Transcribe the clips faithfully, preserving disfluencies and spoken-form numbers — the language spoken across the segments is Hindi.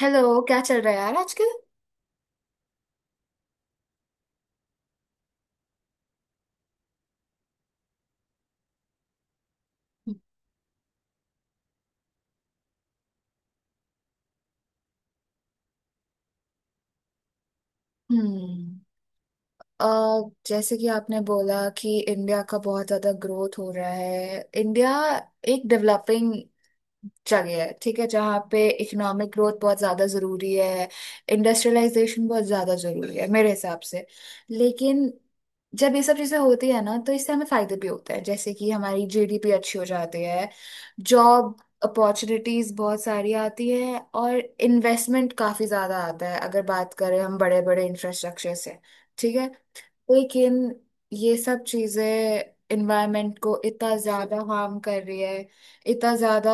हेलो, क्या चल रहा है यार आजकल। हम्म। अ, जैसे कि आपने बोला कि इंडिया का बहुत ज्यादा ग्रोथ हो रहा है। इंडिया एक डेवलपिंग जगह है, ठीक है, जहाँ पे इकोनॉमिक ग्रोथ बहुत ज्यादा जरूरी है। इंडस्ट्रियलाइजेशन बहुत ज्यादा जरूरी है मेरे हिसाब से। लेकिन जब ये सब चीजें होती है ना, तो इससे हमें फायदे भी होते हैं, जैसे कि हमारी जीडीपी अच्छी हो जाती है, जॉब अपॉर्चुनिटीज बहुत सारी आती है और इन्वेस्टमेंट काफी ज्यादा आता है। अगर बात करें हम बड़े बड़े इंफ्रास्ट्रक्चर से, ठीक है, लेकिन ये सब चीजें इन्वायरमेंट को इतना ज्यादा हार्म कर रही है। इतना ज्यादा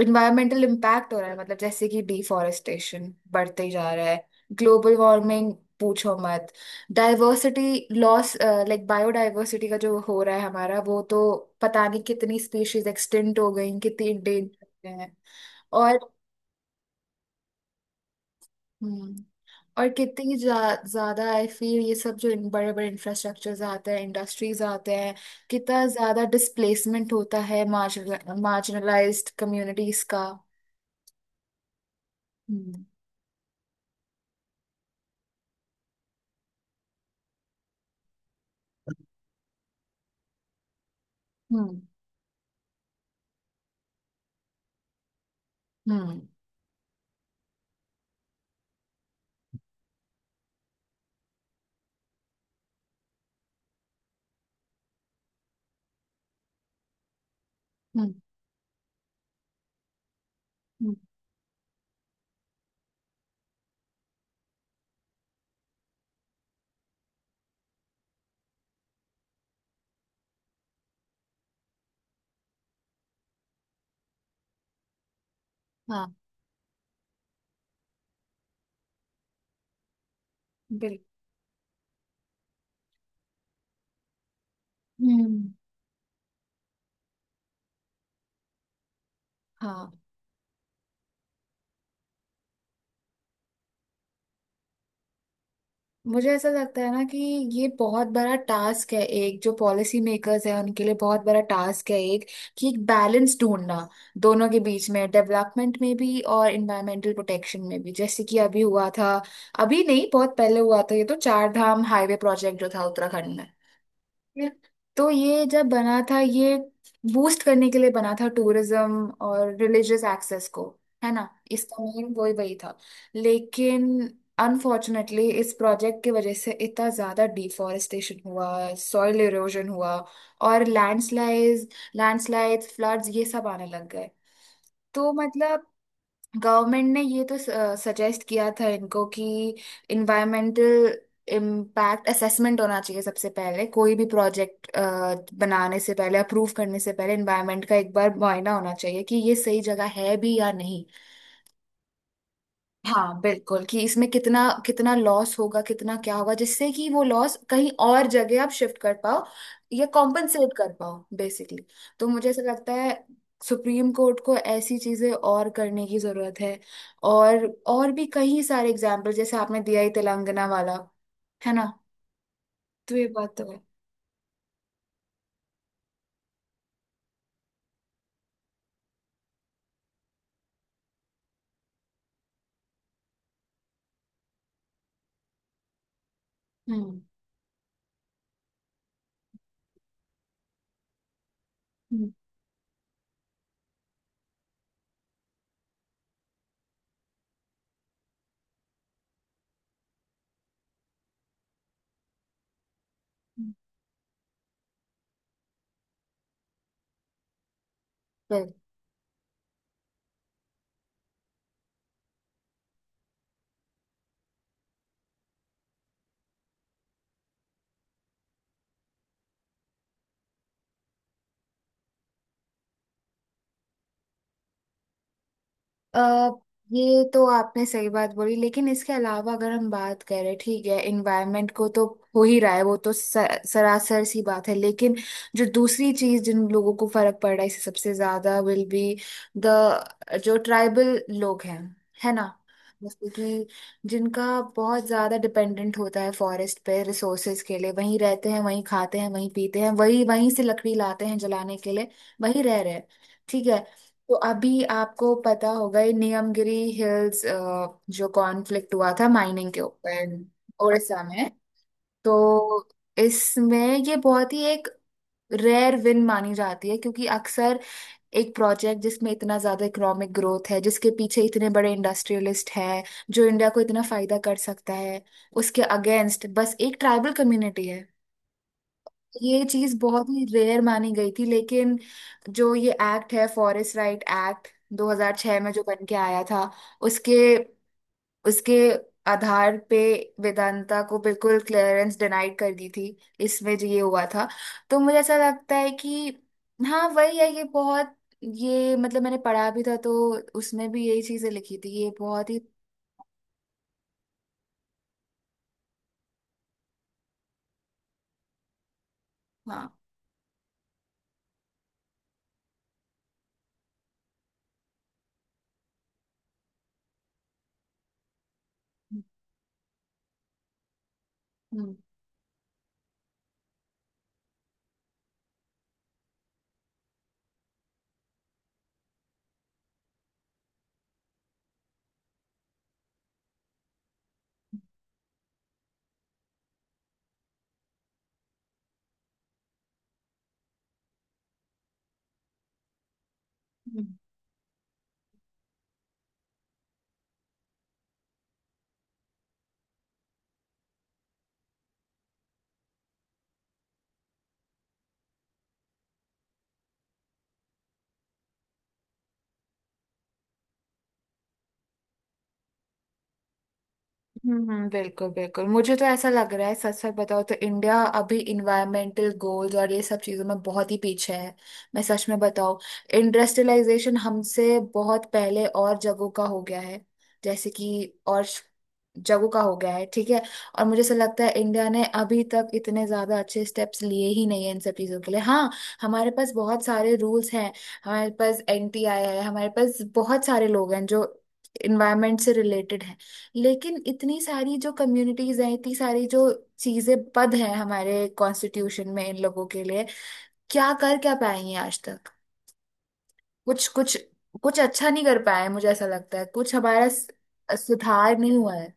इन्वायरमेंटल इम्पैक्ट हो रहा है। मतलब जैसे कि डिफॉरेस्टेशन बढ़ते ही जा रहा है, ग्लोबल वार्मिंग पूछो मत। डाइवर्सिटी लॉस, लाइक बायोडाइवर्सिटी का जो हो रहा है हमारा, वो तो पता नहीं कितनी स्पीशीज एक्सटिंक्ट हो गई, कितनी इंडेंजर हैं। और हम्म, और कितनी जा, ज्यादा आई फील ये सब जो इन बड़े बड़े इंफ्रास्ट्रक्चर्स आते हैं, इंडस्ट्रीज आते हैं, कितना ज्यादा डिस्प्लेसमेंट होता है मार्जिनलाइज्ड कम्युनिटीज का। हम्म। हम्म। हम्म। हम्म। हम्म, हाँ, बिल्कुल। हम्म। हाँ, मुझे ऐसा लगता है ना कि ये बहुत बड़ा टास्क है एक, जो पॉलिसी मेकर्स है उनके लिए बहुत बड़ा टास्क है एक, कि एक बैलेंस ढूंढना दोनों के बीच में, डेवलपमेंट में भी और इन्वायरमेंटल प्रोटेक्शन में भी। जैसे कि अभी हुआ था, अभी नहीं बहुत पहले हुआ था ये, तो चार धाम हाईवे प्रोजेक्ट जो था उत्तराखंड में। तो ये जब बना था, ये बूस्ट करने के लिए बना था टूरिज्म और रिलीजियस एक्सेस को, है ना, इसका मेन वही वही था। लेकिन अनफॉर्चुनेटली इस प्रोजेक्ट की वजह से इतना ज़्यादा डिफॉरेस्टेशन हुआ, सॉइल इरोजन हुआ और लैंडस्लाइड लैंडस्लाइड फ्लड्स ये सब आने लग गए। तो मतलब गवर्नमेंट ने ये तो सजेस्ट किया था इनको कि इन्वायरमेंटल इम्पैक्ट असेसमेंट होना चाहिए सबसे पहले, कोई भी प्रोजेक्ट बनाने से पहले अप्रूव करने से पहले इन्वायरमेंट का एक बार मुआयना होना चाहिए कि ये सही जगह है भी या नहीं। हाँ, बिल्कुल, कि इसमें कितना कितना लॉस होगा, कितना क्या होगा, जिससे कि वो लॉस कहीं और जगह आप शिफ्ट कर पाओ या कॉम्पनसेट कर पाओ बेसिकली। तो मुझे ऐसा लगता है सुप्रीम कोर्ट को ऐसी चीजें और करने की जरूरत है। और और भी कई सारे एग्जाम्पल, जैसे आपने दिया ही तेलंगाना वाला, है ना। तो ये बात तो है। हम्म। हम्म, हम्म। अ, ये तो आपने सही बात बोली, लेकिन इसके अलावा अगर हम बात करें, ठीक है, इन्वायरमेंट को तो हो ही रहा है वो तो, स- सरासर सी बात है। लेकिन जो दूसरी चीज, जिन लोगों को फर्क पड़ रहा है इससे सबसे ज्यादा, विल बी द, जो ट्राइबल लोग हैं, है ना, जैसे कि जिनका बहुत ज्यादा डिपेंडेंट होता है फॉरेस्ट पे, रिसोर्सेज के लिए वहीं रहते हैं, वहीं खाते हैं, वहीं पीते हैं, वहीं वहीं से लकड़ी लाते हैं जलाने के लिए, वहीं रह रहे हैं, ठीक है। तो अभी आपको पता होगा ये नियमगिरी हिल्स जो कॉन्फ्लिक्ट हुआ था माइनिंग के ऊपर उड़ीसा में। तो इसमें ये बहुत ही एक रेयर विन मानी जाती है, क्योंकि अक्सर एक प्रोजेक्ट जिसमें इतना ज्यादा इकोनॉमिक ग्रोथ है, जिसके पीछे इतने बड़े इंडस्ट्रियलिस्ट हैं, जो इंडिया को इतना फायदा कर सकता है, उसके अगेंस्ट बस एक ट्राइबल कम्युनिटी है। ये चीज बहुत ही रेयर मानी गई थी। लेकिन जो ये एक्ट है, फॉरेस्ट राइट एक्ट, दो हज़ार छह में जो बन के आया था, उसके उसके आधार पे वेदांता को बिल्कुल क्लियरेंस डिनाइड कर दी थी इसमें, जो ये हुआ था। तो मुझे ऐसा लगता है कि हाँ वही है ये, बहुत ये मतलब मैंने पढ़ा भी था, तो उसमें भी यही चीजें लिखी थी, ये बहुत ही। हाँ। हम्म। हम्म। हम्म। हम्म, बिल्कुल बिल्कुल। मुझे तो ऐसा लग रहा है, सच सच बताओ तो, इंडिया अभी इन्वायरमेंटल गोल्स और ये सब चीजों में बहुत ही पीछे है। मैं सच में बताऊं, इंडस्ट्रियलाइजेशन हमसे बहुत पहले और जगहों का हो गया है, जैसे कि और श- जगहों का हो गया है, ठीक है। और मुझे ऐसा लगता है इंडिया ने अभी तक इतने ज्यादा अच्छे स्टेप्स लिए ही नहीं है इन सब चीजों के लिए। हाँ, हमारे पास बहुत सारे रूल्स हैं, हमारे पास एनटीआई है, हमारे पास बहुत सारे लोग हैं जो इन्वायरमेंट से रिलेटेड। लेकिन इतनी सारी जो कम्युनिटीज हैं, इतनी सारी जो चीजें पद हैं हमारे कॉन्स्टिट्यूशन में इन लोगों के लिए, क्या कर क्या पाए हैं आज तक। कुछ कुछ कुछ अच्छा नहीं कर पाए हैं, मुझे ऐसा लगता है कुछ हमारा स- सुधार नहीं हुआ है।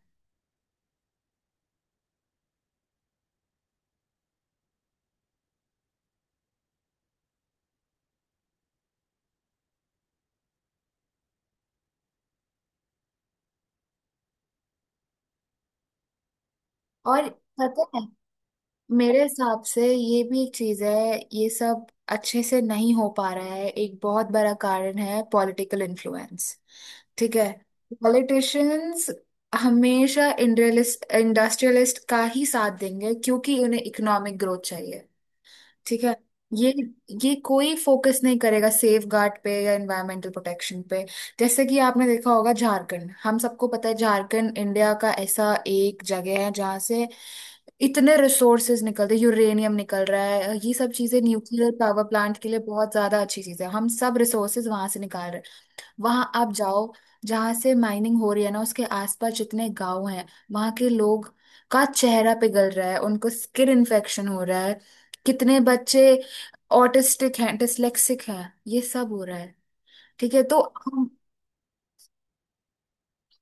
और पता है, मेरे हिसाब से ये भी एक चीज है, ये सब अच्छे से नहीं हो पा रहा है, एक बहुत बड़ा कारण है पॉलिटिकल इन्फ्लुएंस, ठीक है। पॉलिटिशियंस हमेशा इंडस्ट्रियलिस्ट इंडस्ट्रियलिस्ट का ही साथ देंगे क्योंकि उन्हें इकोनॉमिक ग्रोथ चाहिए, ठीक है। ये ये कोई फोकस नहीं करेगा सेफ गार्ड पे या एनवायरमेंटल प्रोटेक्शन पे। जैसे कि आपने देखा होगा झारखंड, हम सबको पता है झारखंड इंडिया का ऐसा एक जगह है जहाँ से इतने रिसोर्सेज निकलते हैं, यूरेनियम निकल रहा है, ये सब चीजें न्यूक्लियर पावर प्लांट के लिए बहुत ज्यादा अच्छी चीज है, हम सब रिसोर्सेज वहां से निकाल रहे हैं। वहां आप जाओ, जहां से माइनिंग हो रही है ना, उसके आसपास जितने गांव हैं, वहां के लोग का चेहरा पिघल रहा है, उनको स्किन इन्फेक्शन हो रहा है, कितने बच्चे ऑटिस्टिक हैं, डिसलेक्सिक हैं, ये सब हो रहा है, ठीक है। तो हम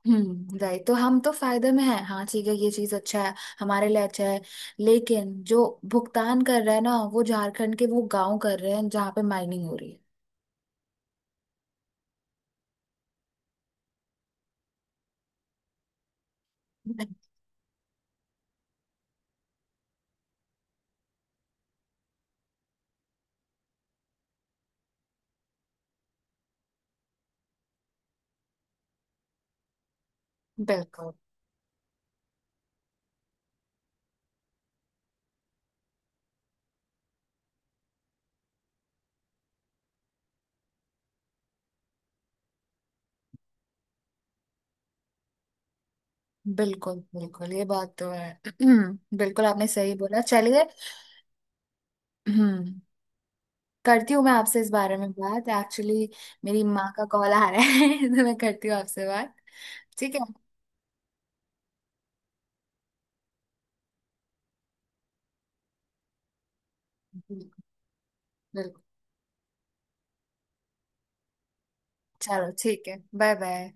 हम्म, राइट, तो हम तो फायदे में हैं हाँ, ठीक है, ये चीज अच्छा है, हमारे लिए अच्छा है। लेकिन जो भुगतान कर रहा है ना, वो झारखंड के वो गांव कर रहे हैं जहाँ पे माइनिंग हो रही है। बिल्कुल। बिल्कुल बिल्कुल ये बात तो है। बिल्कुल आपने सही बोला, चलिए। हम्म, करती हूँ मैं आपसे इस बारे में बात एक्चुअली, मेरी माँ का कॉल आ रहा है। तो मैं करती हूँ आपसे बात, ठीक है। बिल्कुल बिल्कुल चलो, ठीक है, बाय बाय।